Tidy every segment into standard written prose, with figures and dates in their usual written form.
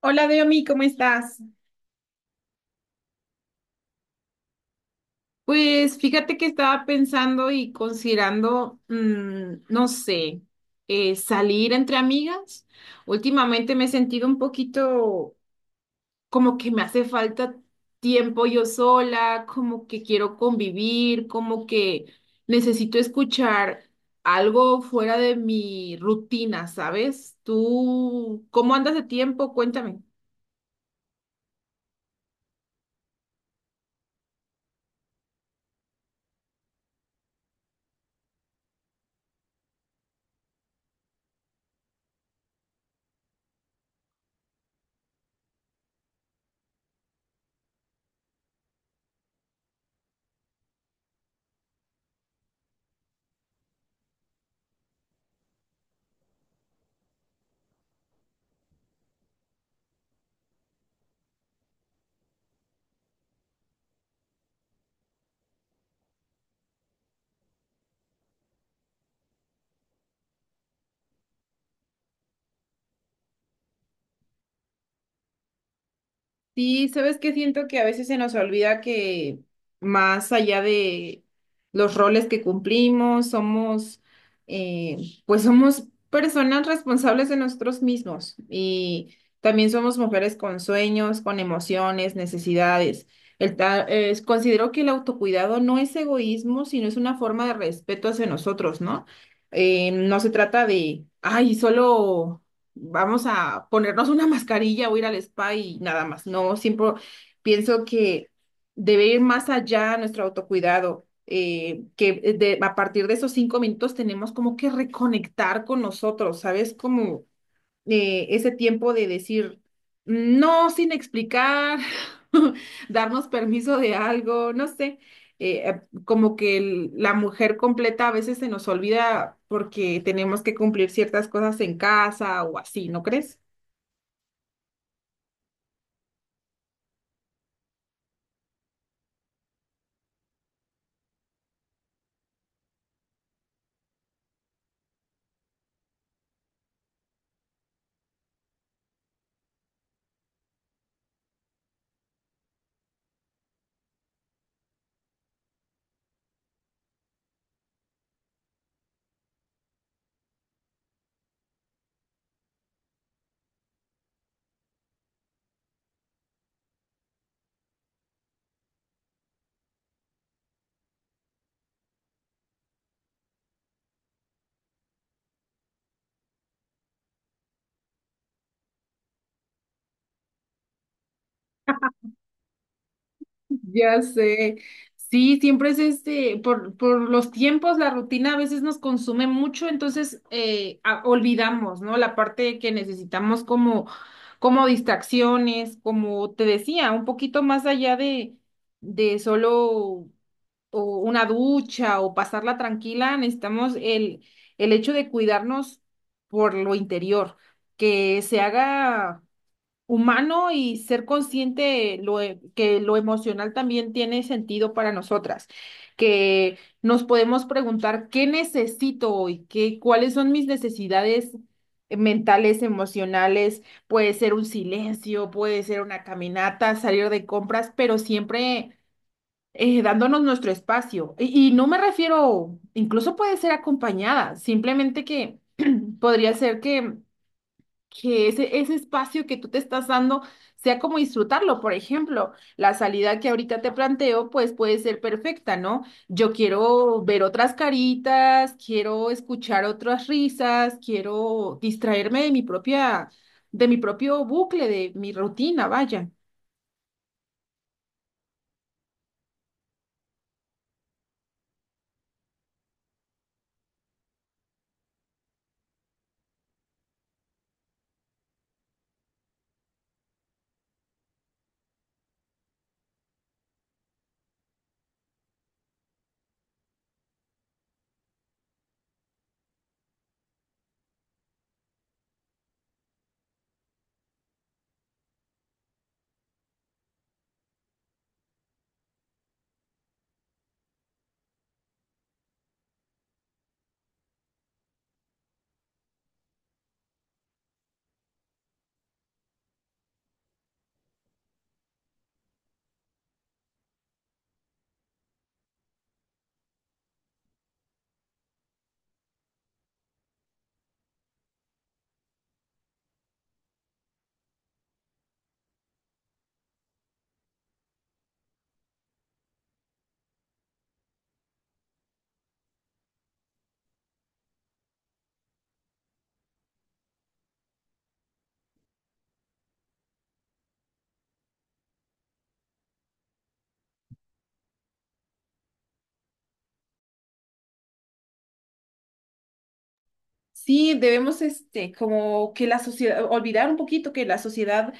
Hola, Deomi, ¿cómo estás? Pues fíjate que estaba pensando y considerando, mm, no sé, salir entre amigas. Últimamente me he sentido un poquito como que me hace falta tiempo yo sola, como que quiero convivir, como que necesito escuchar algo fuera de mi rutina, ¿sabes? ¿Tú cómo andas de tiempo? Cuéntame. Sí, sabes que siento que a veces se nos olvida que más allá de los roles que cumplimos, somos, eh, pues somos personas responsables de nosotros mismos y también somos mujeres con sueños, con emociones, necesidades. Considero que el autocuidado no es egoísmo, sino es una forma de respeto hacia nosotros, ¿no? No se trata de, ay, solo vamos a ponernos una mascarilla o ir al spa y nada más. No, siempre pienso que debe ir más allá nuestro autocuidado, que a partir de esos 5 minutos tenemos como que reconectar con nosotros, ¿sabes? Como Ese tiempo de decir no sin explicar, darnos permiso de algo, no sé, como que la mujer completa a veces se nos olvida porque tenemos que cumplir ciertas cosas en casa o así, ¿no crees? Ya sé. Sí, siempre es este, por los tiempos, la rutina a veces nos consume mucho, entonces olvidamos, ¿no? La parte que necesitamos como, como distracciones, como te decía, un poquito más allá de solo o una ducha o pasarla tranquila, necesitamos el hecho de cuidarnos por lo interior, que se haga humano y ser consciente que lo emocional también tiene sentido para nosotras, que nos podemos preguntar qué necesito hoy, qué, cuáles son mis necesidades mentales, emocionales, puede ser un silencio, puede ser una caminata, salir de compras, pero siempre dándonos nuestro espacio. Y no me refiero, incluso puede ser acompañada, simplemente que podría ser que ese, ese espacio que tú te estás dando sea como disfrutarlo. Por ejemplo, la salida que ahorita te planteo, pues puede ser perfecta, ¿no? Yo quiero ver otras caritas, quiero escuchar otras risas, quiero distraerme de mi propia, de mi propio bucle, de mi rutina, vaya. Sí, debemos, este, como que la sociedad, olvidar un poquito que la sociedad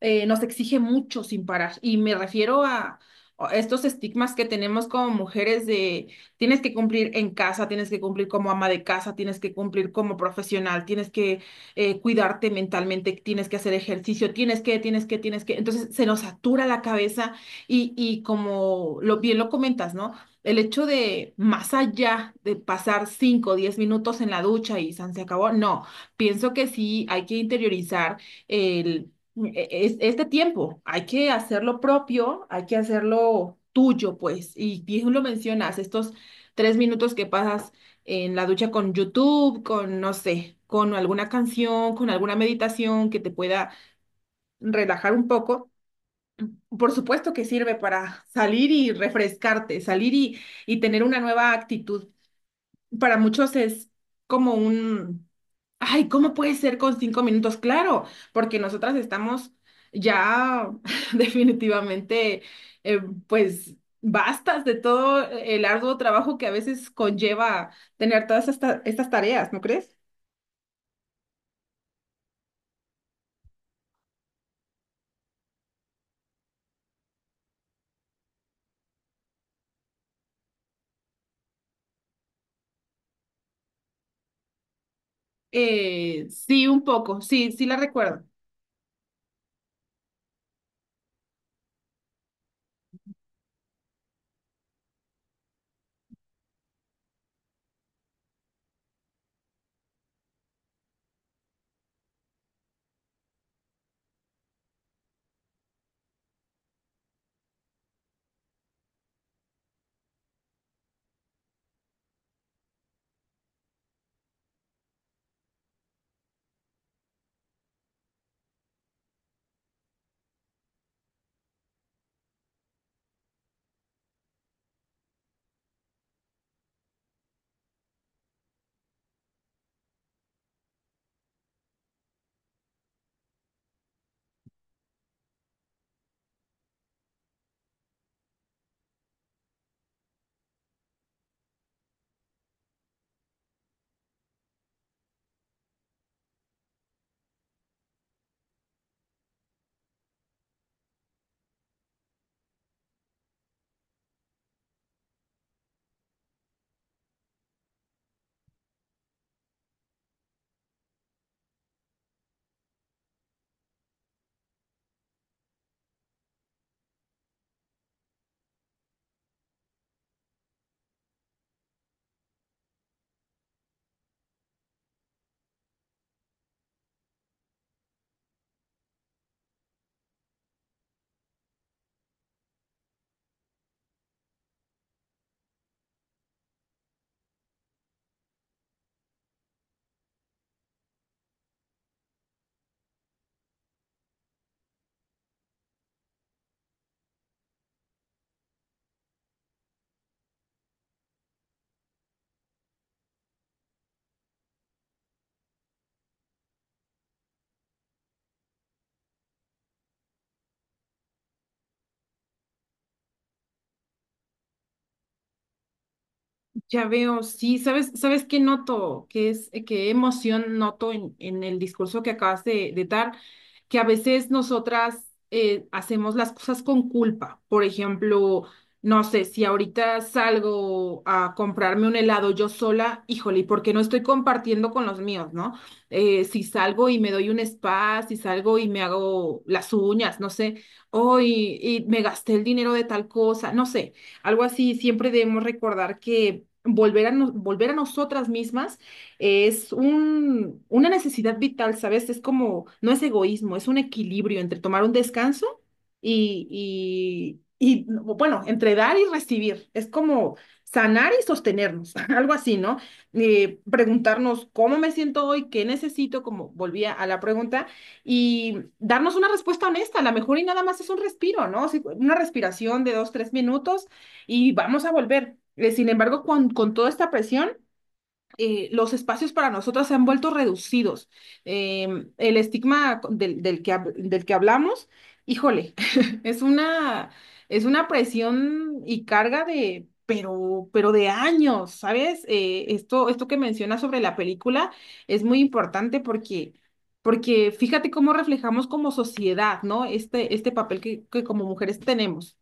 nos exige mucho sin parar. Y me refiero a estos estigmas que tenemos como mujeres de tienes que cumplir en casa, tienes que cumplir como ama de casa, tienes que cumplir como profesional, tienes que cuidarte mentalmente, tienes que hacer ejercicio, tienes que, tienes que, tienes que. Entonces se nos satura la cabeza y como lo bien lo comentas, ¿no? El hecho de, más allá de pasar cinco, o 10 minutos en la ducha y san se acabó, no, pienso que sí hay que interiorizar el, e- e, es- este tiempo, hay que hacerlo propio, hay que hacerlo tuyo, pues, y bien lo mencionas, estos 3 minutos que pasas en la ducha con YouTube, con, no sé, con alguna canción, con alguna meditación que te pueda relajar un poco por supuesto que sirve para salir y refrescarte, salir y tener una nueva actitud. Para muchos es como un, ay, ¿cómo puede ser con 5 minutos? Claro, porque nosotras estamos ya definitivamente, eh, pues, bastas de todo el arduo trabajo que a veces conlleva tener todas estas, estas tareas, ¿no crees? Sí, un poco, sí, sí la recuerdo. Ya veo, sí, ¿sabes, sabes qué noto? ¿Qué es, qué emoción noto en el discurso que acabas de dar? Que a veces nosotras hacemos las cosas con culpa. Por ejemplo, no sé, si ahorita salgo a comprarme un helado yo sola, híjole, ¿y por qué no estoy compartiendo con los míos, no? Si salgo y me doy un spa, si salgo y me hago las uñas, no sé, hoy y me gasté el dinero de tal cosa, no sé. Algo así, siempre debemos recordar que volver a nosotras mismas es un, una necesidad vital, ¿sabes? Es como, no es egoísmo, es un equilibrio entre tomar un descanso y bueno, entre dar y recibir. Es como sanar y sostenernos, algo así, ¿no? Preguntarnos cómo me siento hoy, qué necesito, como volvía a la pregunta, y darnos una respuesta honesta. A lo mejor y nada más es un respiro, ¿no? Sí, una respiración de 2, 3 minutos y vamos a volver. Sin embargo, con toda esta presión, los espacios para nosotras se han vuelto reducidos. Eh, el estigma del que, del que hablamos, híjole, es una, es una presión y carga de, pero de años, ¿sabes? Esto que mencionas sobre la película es muy importante porque... Porque fíjate cómo reflejamos como sociedad, ¿no? Este papel que como mujeres tenemos.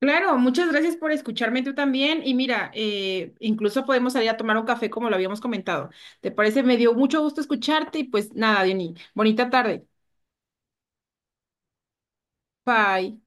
Claro, muchas gracias por escucharme tú también. Y mira, incluso podemos salir a tomar un café como lo habíamos comentado. ¿Te parece? Me dio mucho gusto escucharte y pues nada, Diony, bonita tarde. Bye.